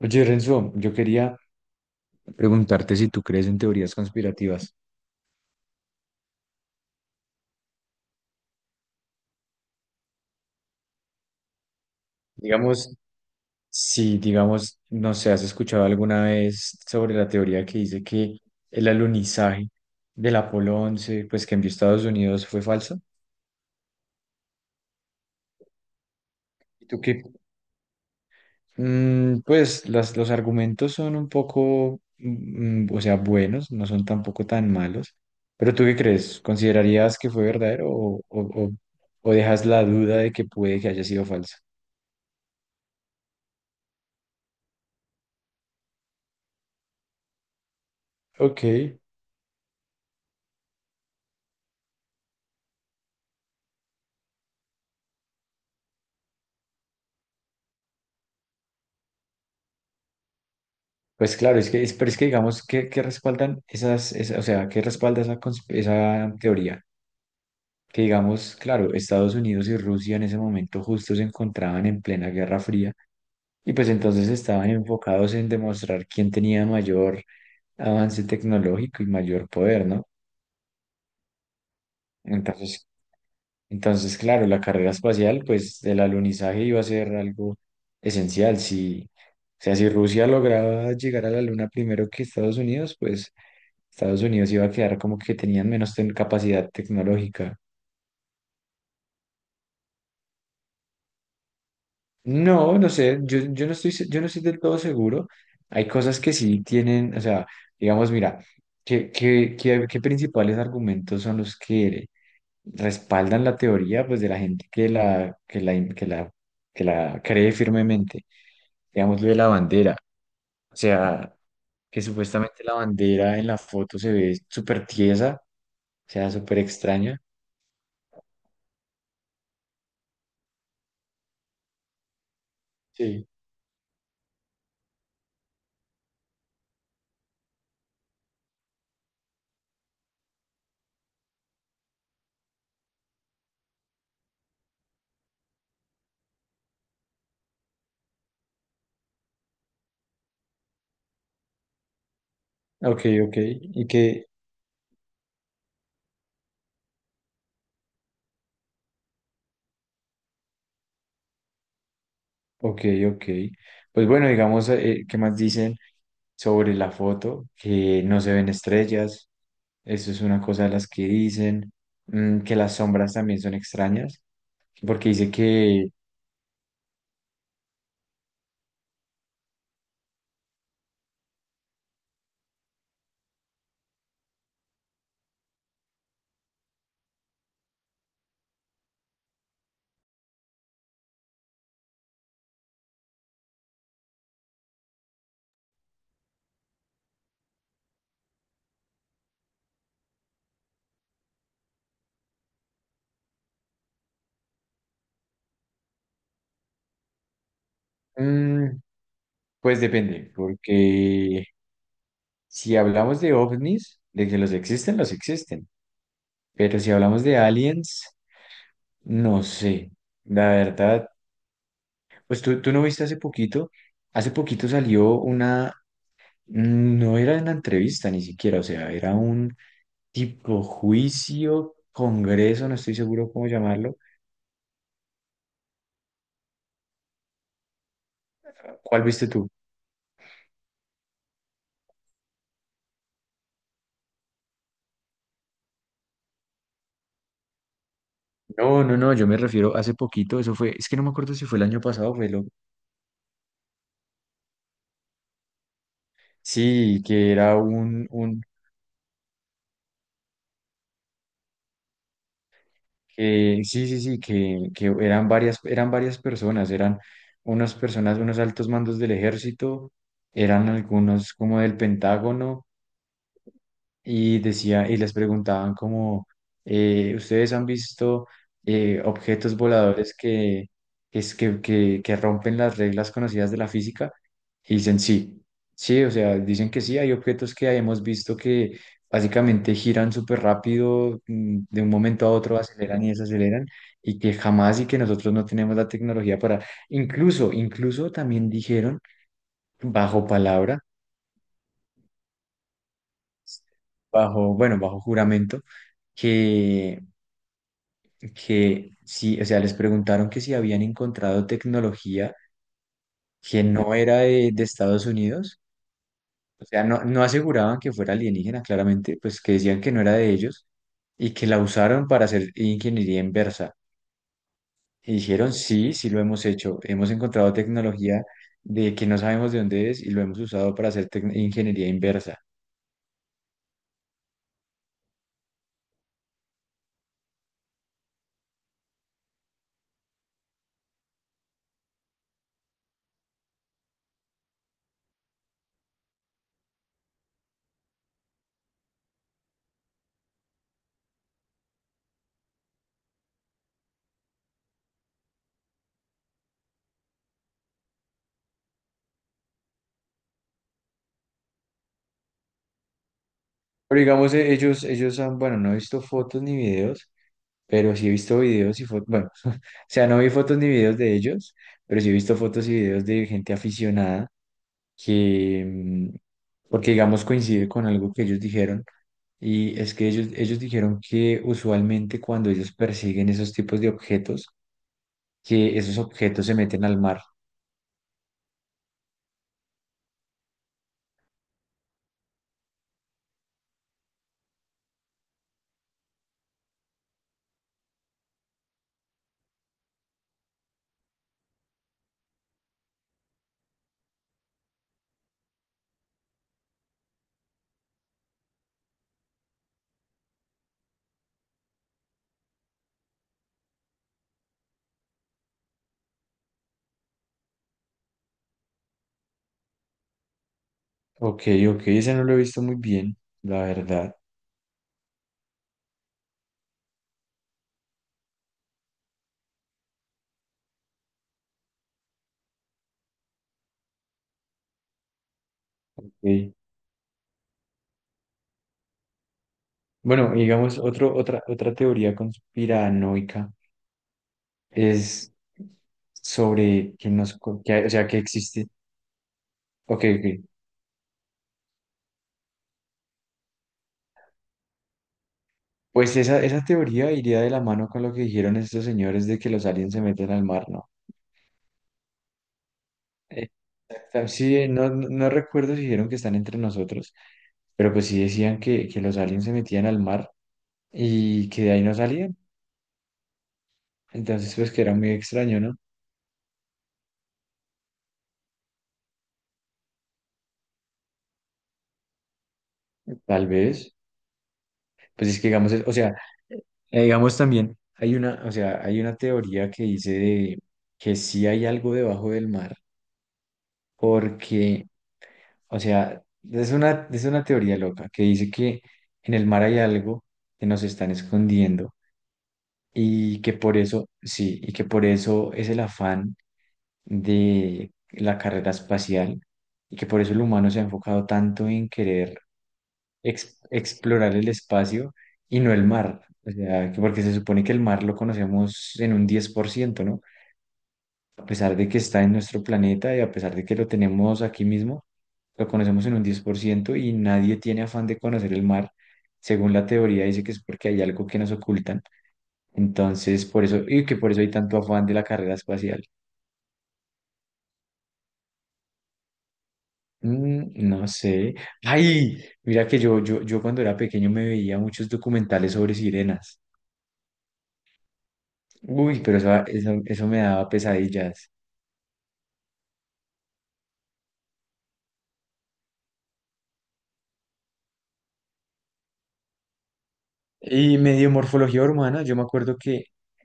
Oye, Renzo, yo quería preguntarte si tú crees en teorías conspirativas. Digamos, si, digamos, no sé, has escuchado alguna vez sobre la teoría que dice que el alunizaje del Apolo 11, pues que envió Estados Unidos fue falso. ¿Y tú qué? Pues los argumentos son un poco, o sea, buenos, no son tampoco tan malos. Pero ¿tú qué crees? ¿Considerarías que fue verdadero o o dejas la duda de que puede que haya sido falso? Ok. Pues claro, pero es que digamos que respaldan o sea, que respalda esa, esa teoría. Que digamos, claro, Estados Unidos y Rusia en ese momento justo se encontraban en plena Guerra Fría y pues entonces estaban enfocados en demostrar quién tenía mayor avance tecnológico y mayor poder, ¿no? Entonces, entonces, claro, la carrera espacial, pues el alunizaje iba a ser algo esencial. Si, o sea, si Rusia lograba llegar a la Luna primero que Estados Unidos, pues Estados Unidos iba a quedar como que tenían capacidad tecnológica. No, no sé, yo no yo no estoy del todo seguro. Hay cosas que sí tienen, o sea, digamos, mira, ¿qué principales argumentos son los que respaldan la teoría, pues, de la gente que la cree firmemente? Digamos, lo de la bandera, o sea, que supuestamente la bandera en la foto se ve súper tiesa, o sea, súper extraña. Sí. Ok, ok. ¿Y qué, ok, ok. Pues bueno, digamos, ¿qué más dicen sobre la foto? Que no se ven estrellas, eso es una cosa de las que dicen, que las sombras también son extrañas, porque dice que, mm, pues depende, porque si hablamos de ovnis, de que los existen, pero si hablamos de aliens, no sé, la verdad, pues tú no viste hace poquito salió. No era una entrevista ni siquiera, o sea, era un tipo juicio, congreso, no estoy seguro cómo llamarlo. ¿Cuál viste tú? No, no, no, yo me refiero hace poquito, eso fue, es que no me acuerdo si fue el año pasado, fue lo... Sí, que era un que, sí, sí, sí, que eran varias personas, eran unas personas, unos altos mandos del ejército, eran algunos como del Pentágono, y decía, y les preguntaban como, ¿ustedes han visto objetos voladores que, es- que rompen las reglas conocidas de la física? Y dicen sí, sí, o sea, dicen que sí, hay objetos que hemos visto que básicamente giran súper rápido, de un momento a otro aceleran y desaceleran, y que jamás y que nosotros no tenemos la tecnología para, incluso, incluso también dijeron, bajo palabra, bajo, bueno, bajo juramento, que, que sí, o sea, les preguntaron que si habían encontrado tecnología que no era de Estados Unidos, o sea, no, no aseguraban que fuera alienígena, claramente, pues que decían que no era de ellos y que la usaron para hacer ingeniería inversa. Y dijeron, sí, sí lo hemos hecho, hemos encontrado tecnología de que no sabemos de dónde es y lo hemos usado para hacer ingeniería inversa. Pero digamos, ellos han, bueno, no he visto fotos ni videos, pero sí he visto videos y fotos, bueno, o sea, no vi fotos ni videos de ellos, pero sí he visto fotos y videos de gente aficionada que, porque digamos coincide con algo que ellos dijeron, y es que ellos dijeron que usualmente cuando ellos persiguen esos tipos de objetos, que esos objetos se meten al mar. Ok, ok, ese no lo he visto muy bien, la verdad. Ok. Bueno, y digamos, otra teoría conspiranoica es sobre que o sea, que existe. Ok, ok. Pues esa teoría iría de la mano con lo que dijeron estos señores de que los aliens se meten al mar, ¿no? Exacta- Sí, no, no no recuerdo si dijeron que están entre nosotros, pero pues sí decían que los aliens se metían al mar y que de ahí no salían. Entonces, pues que era muy extraño, ¿no? Tal vez. Pues es que digamos, o sea, digamos también, hay o sea, hay una teoría que dice de que sí hay algo debajo del mar, porque o sea, es una teoría loca que dice que en el mar hay algo que nos están escondiendo y que por eso, sí, y que por eso es el afán de la carrera espacial y que por eso el humano se ha enfocado tanto en querer explorar el espacio y no el mar. O sea, que porque se supone que el mar lo conocemos en un 10%, ¿no? A pesar de que está en nuestro planeta y a pesar de que lo tenemos aquí mismo lo conocemos en un 10% y nadie tiene afán de conocer el mar. Según la teoría, dice que es porque hay algo que nos ocultan. Entonces, por eso, y que por eso hay tanto afán de la carrera espacial. Mm, no sé. Ay, mira que yo cuando era pequeño me veía muchos documentales sobre sirenas. Uy, pero eso me daba pesadillas. Y medio morfología humana, yo me acuerdo que,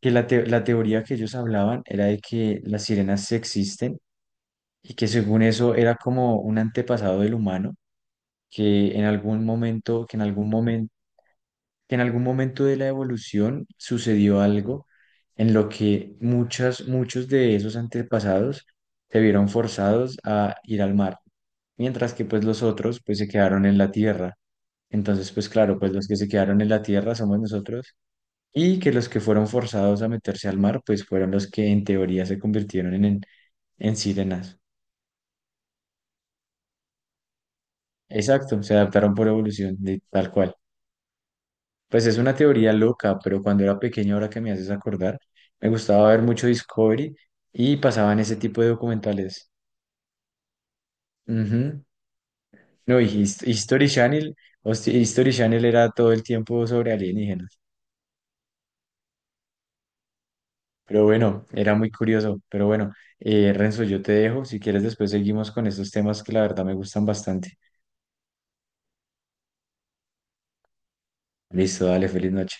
la teoría que ellos hablaban era de que las sirenas sí existen y que según eso era como un antepasado del humano, que en algún momento, que en algún momento de la evolución sucedió algo en lo que muchos de esos antepasados se vieron forzados a ir al mar, mientras que pues los otros pues se quedaron en la tierra. Entonces, pues claro, pues los que se quedaron en la tierra somos nosotros y que los que fueron forzados a meterse al mar pues fueron los que en teoría se convirtieron en sirenas. Exacto, se adaptaron por evolución, tal cual. Pues es una teoría loca, pero cuando era pequeño, ahora que me haces acordar, me gustaba ver mucho Discovery y pasaban ese tipo de documentales. Ujú. No, y History Channel, History Channel era todo el tiempo sobre alienígenas. Pero bueno, era muy curioso. Pero bueno, Renzo, yo te dejo. Si quieres, después seguimos con estos temas que la verdad me gustan bastante. Listo, dale, feliz noche.